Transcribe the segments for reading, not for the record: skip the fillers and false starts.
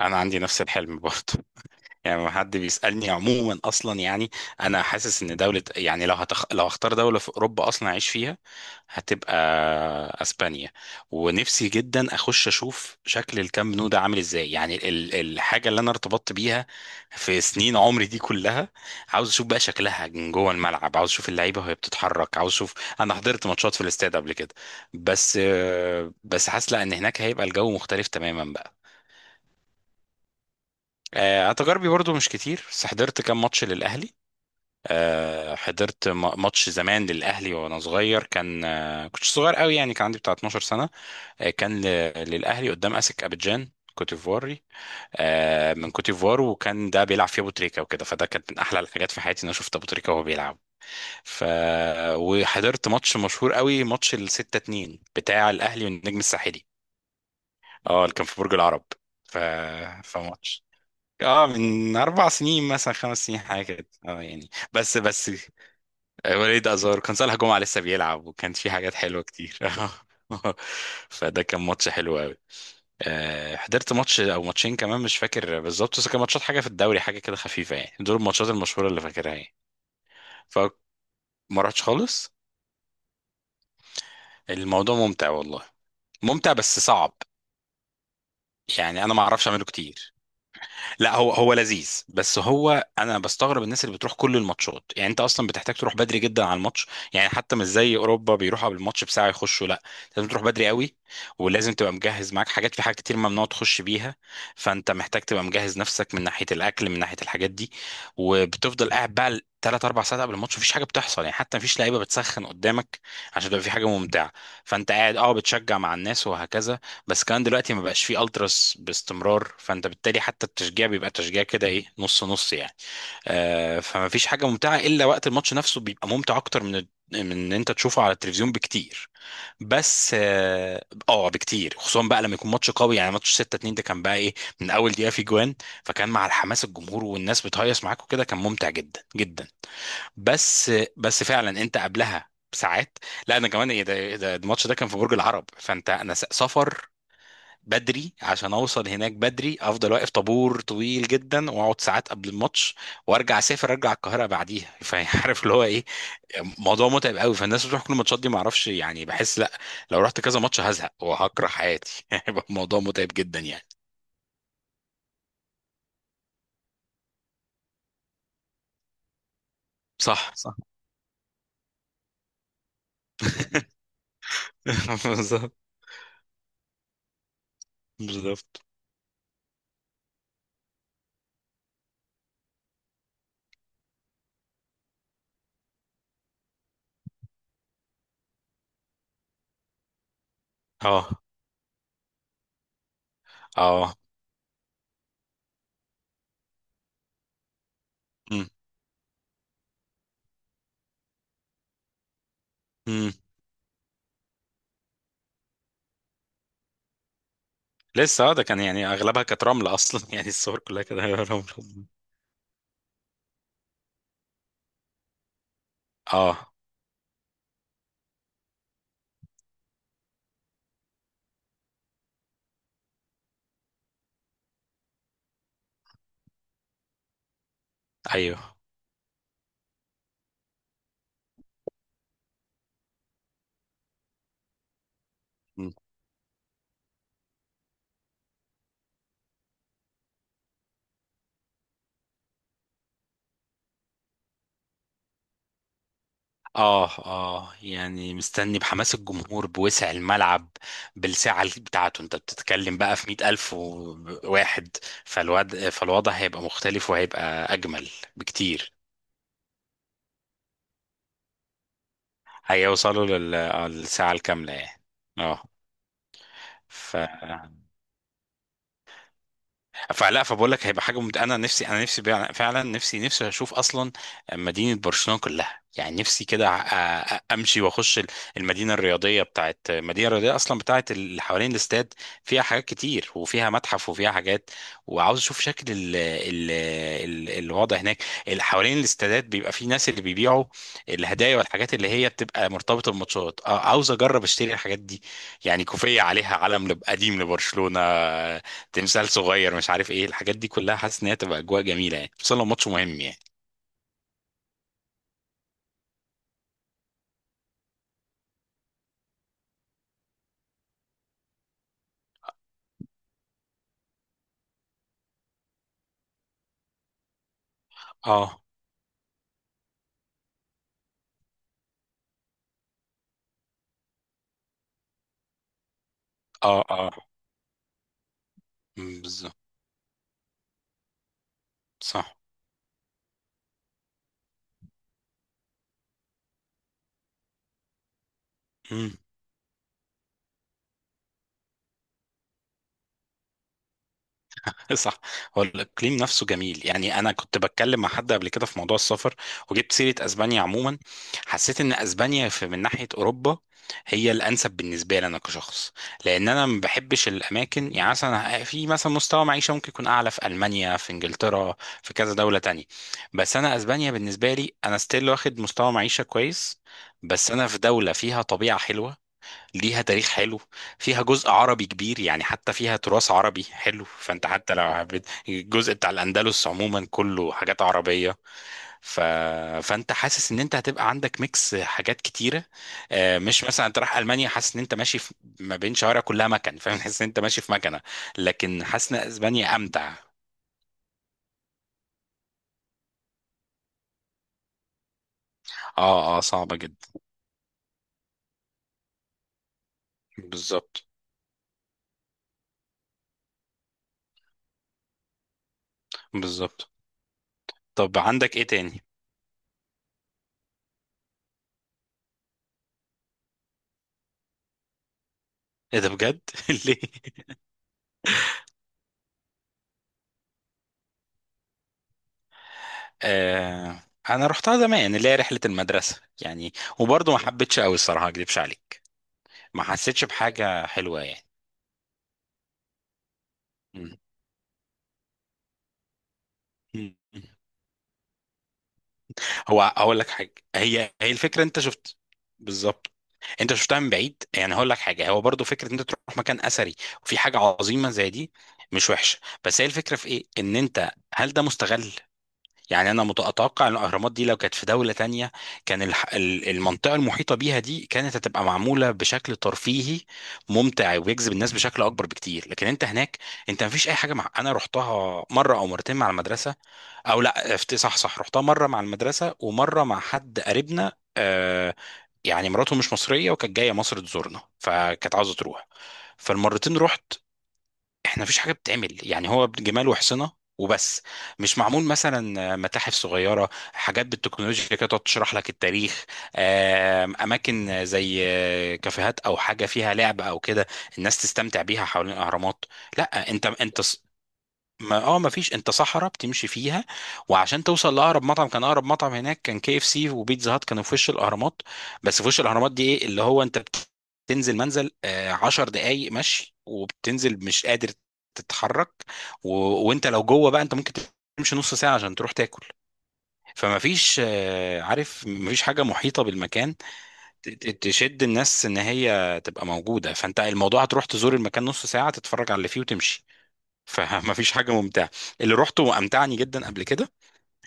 انا عندي نفس الحلم برضه. يعني لما حد بيسالني عموما اصلا، انا حاسس ان دوله، يعني لو هختار دوله في اوروبا اصلا اعيش فيها، هتبقى اسبانيا. ونفسي جدا اخش اشوف شكل الكامب نو ده عامل ازاي، يعني الحاجه اللي انا ارتبطت بيها في سنين عمري دي كلها. عاوز اشوف بقى شكلها من جوه الملعب، عاوز اشوف اللعيبه وهي بتتحرك، عاوز اشوف. انا حضرت ماتشات في الاستاد قبل كده، بس حاسس لا ان هناك هيبقى الجو مختلف تماما بقى. انا تجاربي برضو مش كتير، بس حضرت كام ماتش للاهلي. حضرت ماتش زمان للاهلي وانا صغير كان، كنت صغير قوي يعني، كان عندي بتاع 12 سنه. كان للاهلي قدام اسك ابيجان، كوت ديفواري. من كوت ديفوار، وكان ده بيلعب في ابو تريكه وكده، فده كانت من احلى الحاجات في حياتي ان انا شفت ابو تريكه وهو بيلعب. ف وحضرت ماتش مشهور قوي، ماتش ال 6-2 بتاع الاهلي والنجم الساحلي، اه اللي كان في برج العرب. ف فماتش اه من اربع سنين، مثلا خمس سنين، حاجه كده اه، يعني بس بس. وليد ازار كان، صالح جمعه لسه بيلعب، وكان في حاجات حلوه كتير. اه، فده كان ماتش حلو قوي. حضرت ماتش او ماتشين كمان، مش فاكر بالظبط، بس كان ماتشات حاجه في الدوري، حاجه كده خفيفه يعني. دول الماتشات المشهوره اللي فاكرها يعني. فما رحتش خالص. الموضوع ممتع والله، ممتع بس صعب. يعني انا ما اعرفش اعمله كتير. لا هو لذيذ، بس هو انا بستغرب الناس اللي بتروح كل الماتشات. يعني انت اصلا بتحتاج تروح بدري جدا على الماتش، يعني حتى مش زي اوروبا بيروحوا قبل الماتش بساعه يخشوا، لا لازم تروح بدري قوي. ولازم تبقى مجهز معاك حاجات، في حاجات كتير ممنوع تخش بيها. فانت محتاج تبقى مجهز نفسك من ناحيه الاكل، من ناحيه الحاجات دي. وبتفضل قاعد بقى ثلاث اربع ساعات قبل الماتش، مفيش حاجه بتحصل يعني، حتى مفيش لعيبه بتسخن قدامك عشان تبقى في حاجه ممتعه. فانت قاعد اه بتشجع مع الناس وهكذا. بس كمان دلوقتي ما بقاش فيه التراس باستمرار، فانت بالتالي حتى التشجيع بيبقى تشجيع كده ايه، نص نص يعني. فما فيش حاجه ممتعه الا وقت الماتش نفسه، بيبقى ممتع اكتر من ان انت تشوفه على التلفزيون بكتير. بس اه، بكتير، خصوصا بقى لما يكون ماتش قوي. يعني ماتش 6-2 ده كان بقى ايه، من اول دقيقه في جوان. فكان مع الحماس الجمهور والناس بتهيص معاك وكده، كان ممتع جدا جدا. بس فعلا انت قبلها بساعات، لا انا كمان ايه ده إيه ده، الماتش ده كان في برج العرب، فانت انا سفر بدري عشان اوصل هناك بدري، افضل واقف طابور طويل جدا، واقعد ساعات قبل الماتش، وارجع اسافر ارجع القاهره بعديها. فعارف اللي هو ايه، موضوع متعب قوي. فالناس بتروح كل الماتشات دي ما اعرفش يعني، بحس لا، لو رحت كذا ماتش هزهق وهكره حياتي. هيبقى الموضوع متعب جدا يعني. صح، صح. بالظبط، بالظبط. اه، اه. مم. مم. لسه اه، ده كان يعني اغلبها كانت رمل اصلا. يعني الصور كلها كده رمل. اه. ايوه. اه، اه. يعني مستني بحماس الجمهور، بوسع الملعب، بالسعة بتاعته. انت بتتكلم بقى في 100 ألف وواحد. فالوضع هيبقى مختلف وهيبقى أجمل بكتير. هيوصلوا للساعة الكاملة يعني. اه. ف فبقول لك هيبقى حاجه انا نفسي بيع- فعلا نفسي اشوف اصلا مدينه برشلونه كلها. يعني نفسي كده امشي واخش المدينه الرياضيه المدينه الرياضيه اصلا، بتاعت اللي حوالين الاستاد، فيها حاجات كتير، وفيها متحف، وفيها حاجات. وعاوز اشوف شكل الوضع هناك. اللي حوالين الاستادات بيبقى في ناس اللي بيبيعوا الهدايا والحاجات اللي هي بتبقى مرتبطه بالماتشات، عاوز اجرب اشتري الحاجات دي. يعني كوفيه عليها علم قديم لبرشلونه، تمثال صغير، مش عارف ايه الحاجات دي كلها. حاسس ان هي تبقى اجواء جميله يعني، خصوصا لو ماتش مهم يعني. اه، اه، اه. مم، بالظبط. صح. امم. صح. هو الاقليم نفسه جميل. يعني انا كنت بتكلم مع حد قبل كده في موضوع السفر، وجبت سيره اسبانيا عموما. حسيت ان اسبانيا في، من ناحيه اوروبا، هي الانسب بالنسبه لي انا كشخص. لان انا ما بحبش الاماكن، يعني مثلا في مثلا مستوى معيشه ممكن يكون اعلى في المانيا، في انجلترا، في كذا دوله تانية، بس انا اسبانيا بالنسبه لي انا ستيل واخد مستوى معيشه كويس، بس انا في دوله فيها طبيعه حلوه، ليها تاريخ حلو، فيها جزء عربي كبير، يعني حتى فيها تراث عربي حلو. فانت حتى لو حبيت الجزء بتاع الاندلس عموما، كله حاجات عربيه. ف... فانت حاسس ان انت هتبقى عندك ميكس حاجات كتيره. مش مثلا انت رايح المانيا حاسس ان انت ماشي في ما بين شوارع كلها مكن، فاهم، حاسس ان انت ماشي في مكنه. لكن حاسس ان اسبانيا امتع. اه، اه، صعبه جدا. بالظبط، بالظبط. طب عندك ايه تاني؟ ايه ده، بجد؟ ليه؟ آه. انا رحتها زمان اللي هي رحله المدرسه يعني، وبرضه ما حبيتش قوي الصراحه، ما اكدبش عليك، ما حسيتش بحاجه حلوه يعني. م. م. هو اقول لك حاجه، هي الفكره انت شفت. بالظبط، انت شفتها من بعيد. يعني هقول لك حاجه، هو برضو فكره ان انت تروح مكان اثري وفي حاجه عظيمه زي دي، مش وحشه، بس هي الفكره في ايه، ان انت هل ده مستغل؟ يعني انا اتوقع ان الاهرامات دي لو كانت في دوله تانية، كان المنطقه المحيطه بيها دي كانت هتبقى معموله بشكل ترفيهي ممتع ويجذب الناس بشكل اكبر بكتير. لكن انت هناك، انت مفيش اي حاجه. انا رحتها مره او مرتين مع المدرسه، او لا صح، صح، رحتها مره مع المدرسه ومره مع حد قريبنا. آه، يعني مراته مش مصريه وكانت جايه مصر تزورنا، فكانت عاوزه تروح. فالمرتين رحت. احنا مفيش حاجه بتتعمل، يعني هو جمال وحصنه وبس. مش معمول مثلا متاحف صغيره، حاجات بالتكنولوجيا كده تقعد تشرح لك التاريخ، اماكن زي كافيهات او حاجه فيها لعب او كده، الناس تستمتع بيها حوالين الاهرامات. لا انت، ما اه ما فيش. انت صحراء بتمشي فيها، وعشان توصل لاقرب مطعم، كان اقرب مطعم هناك كان كي اف سي وبيتزا هات، كانوا في وش الاهرامات. بس في وش الاهرامات دي ايه اللي هو، انت بتنزل 10 دقايق مشي وبتنزل مش قادر تتحرك. و... وانت لو جوه بقى، انت ممكن تمشي نص ساعة عشان تروح تاكل. فما فيش عارف ما فيش حاجة محيطة بالمكان تشد الناس ان هي تبقى موجودة. فانت الموضوع هتروح تزور المكان نص ساعة، تتفرج على اللي فيه وتمشي. فما فيش حاجه ممتعه. اللي روحته وامتعني جدا قبل كده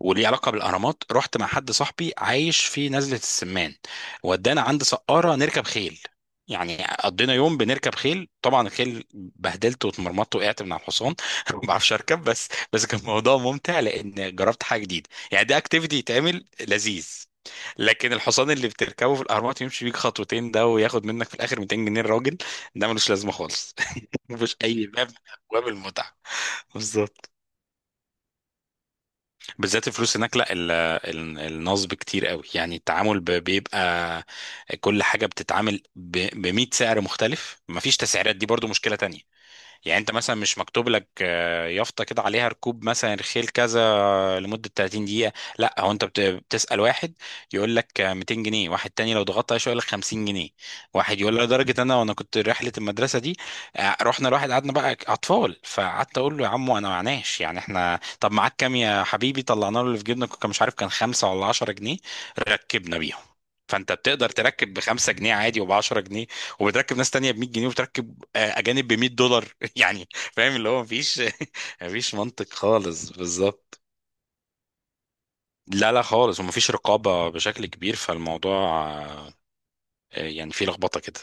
وليه علاقه بالاهرامات، رحت مع حد صاحبي عايش في نزله السمان، ودانا عند سقاره نركب خيل. يعني قضينا يوم بنركب خيل، طبعا الخيل بهدلت واتمرمطت، وقعت من على الحصان. ما بعرفش اركب بس، بس كان موضوع ممتع لان جربت حاجه جديده، يعني ده اكتيفيتي يتعمل لذيذ. لكن الحصان اللي بتركبه في الاهرامات يمشي بيك خطوتين ده وياخد منك في الاخر 200 جنيه، الراجل ده ملوش لازمه خالص. مفيش اي باب من ابواب المتعه. بالظبط. بالذات الفلوس هناك، لا النصب كتير قوي يعني، التعامل بيبقى كل حاجة بتتعامل ب 100 سعر مختلف، مفيش تسعيرات، دي برضو مشكلة تانية. يعني انت مثلا مش مكتوب لك، يافطه كده عليها ركوب مثلا رخيل كذا لمده 30 دقيقه، لا هو انت بتسال واحد يقول لك 200 جنيه، واحد تاني لو ضغطت عليه شويه يقول لك 50 جنيه، واحد يقول لك، لدرجه انا وانا كنت رحله المدرسه دي، رحنا لواحد قعدنا بقى اطفال، فقعدت اقول له يا عمو انا معناش، يعني احنا طب معاك كام يا حبيبي، طلعنا له اللي في جيبنا كان، مش عارف كان 5 ولا 10 جنيه، ركبنا بيهم. فانت بتقدر تركب ب5 جنيه عادي، وب10 جنيه، وبتركب ناس تانية ب 100 جنيه، وبتركب اجانب ب 100 دولار يعني، فاهم اللي هو مفيش مفيش منطق خالص، بالظبط. لا، لا خالص، ومفيش رقابة بشكل كبير فالموضوع، آه، يعني فيه لخبطة كده.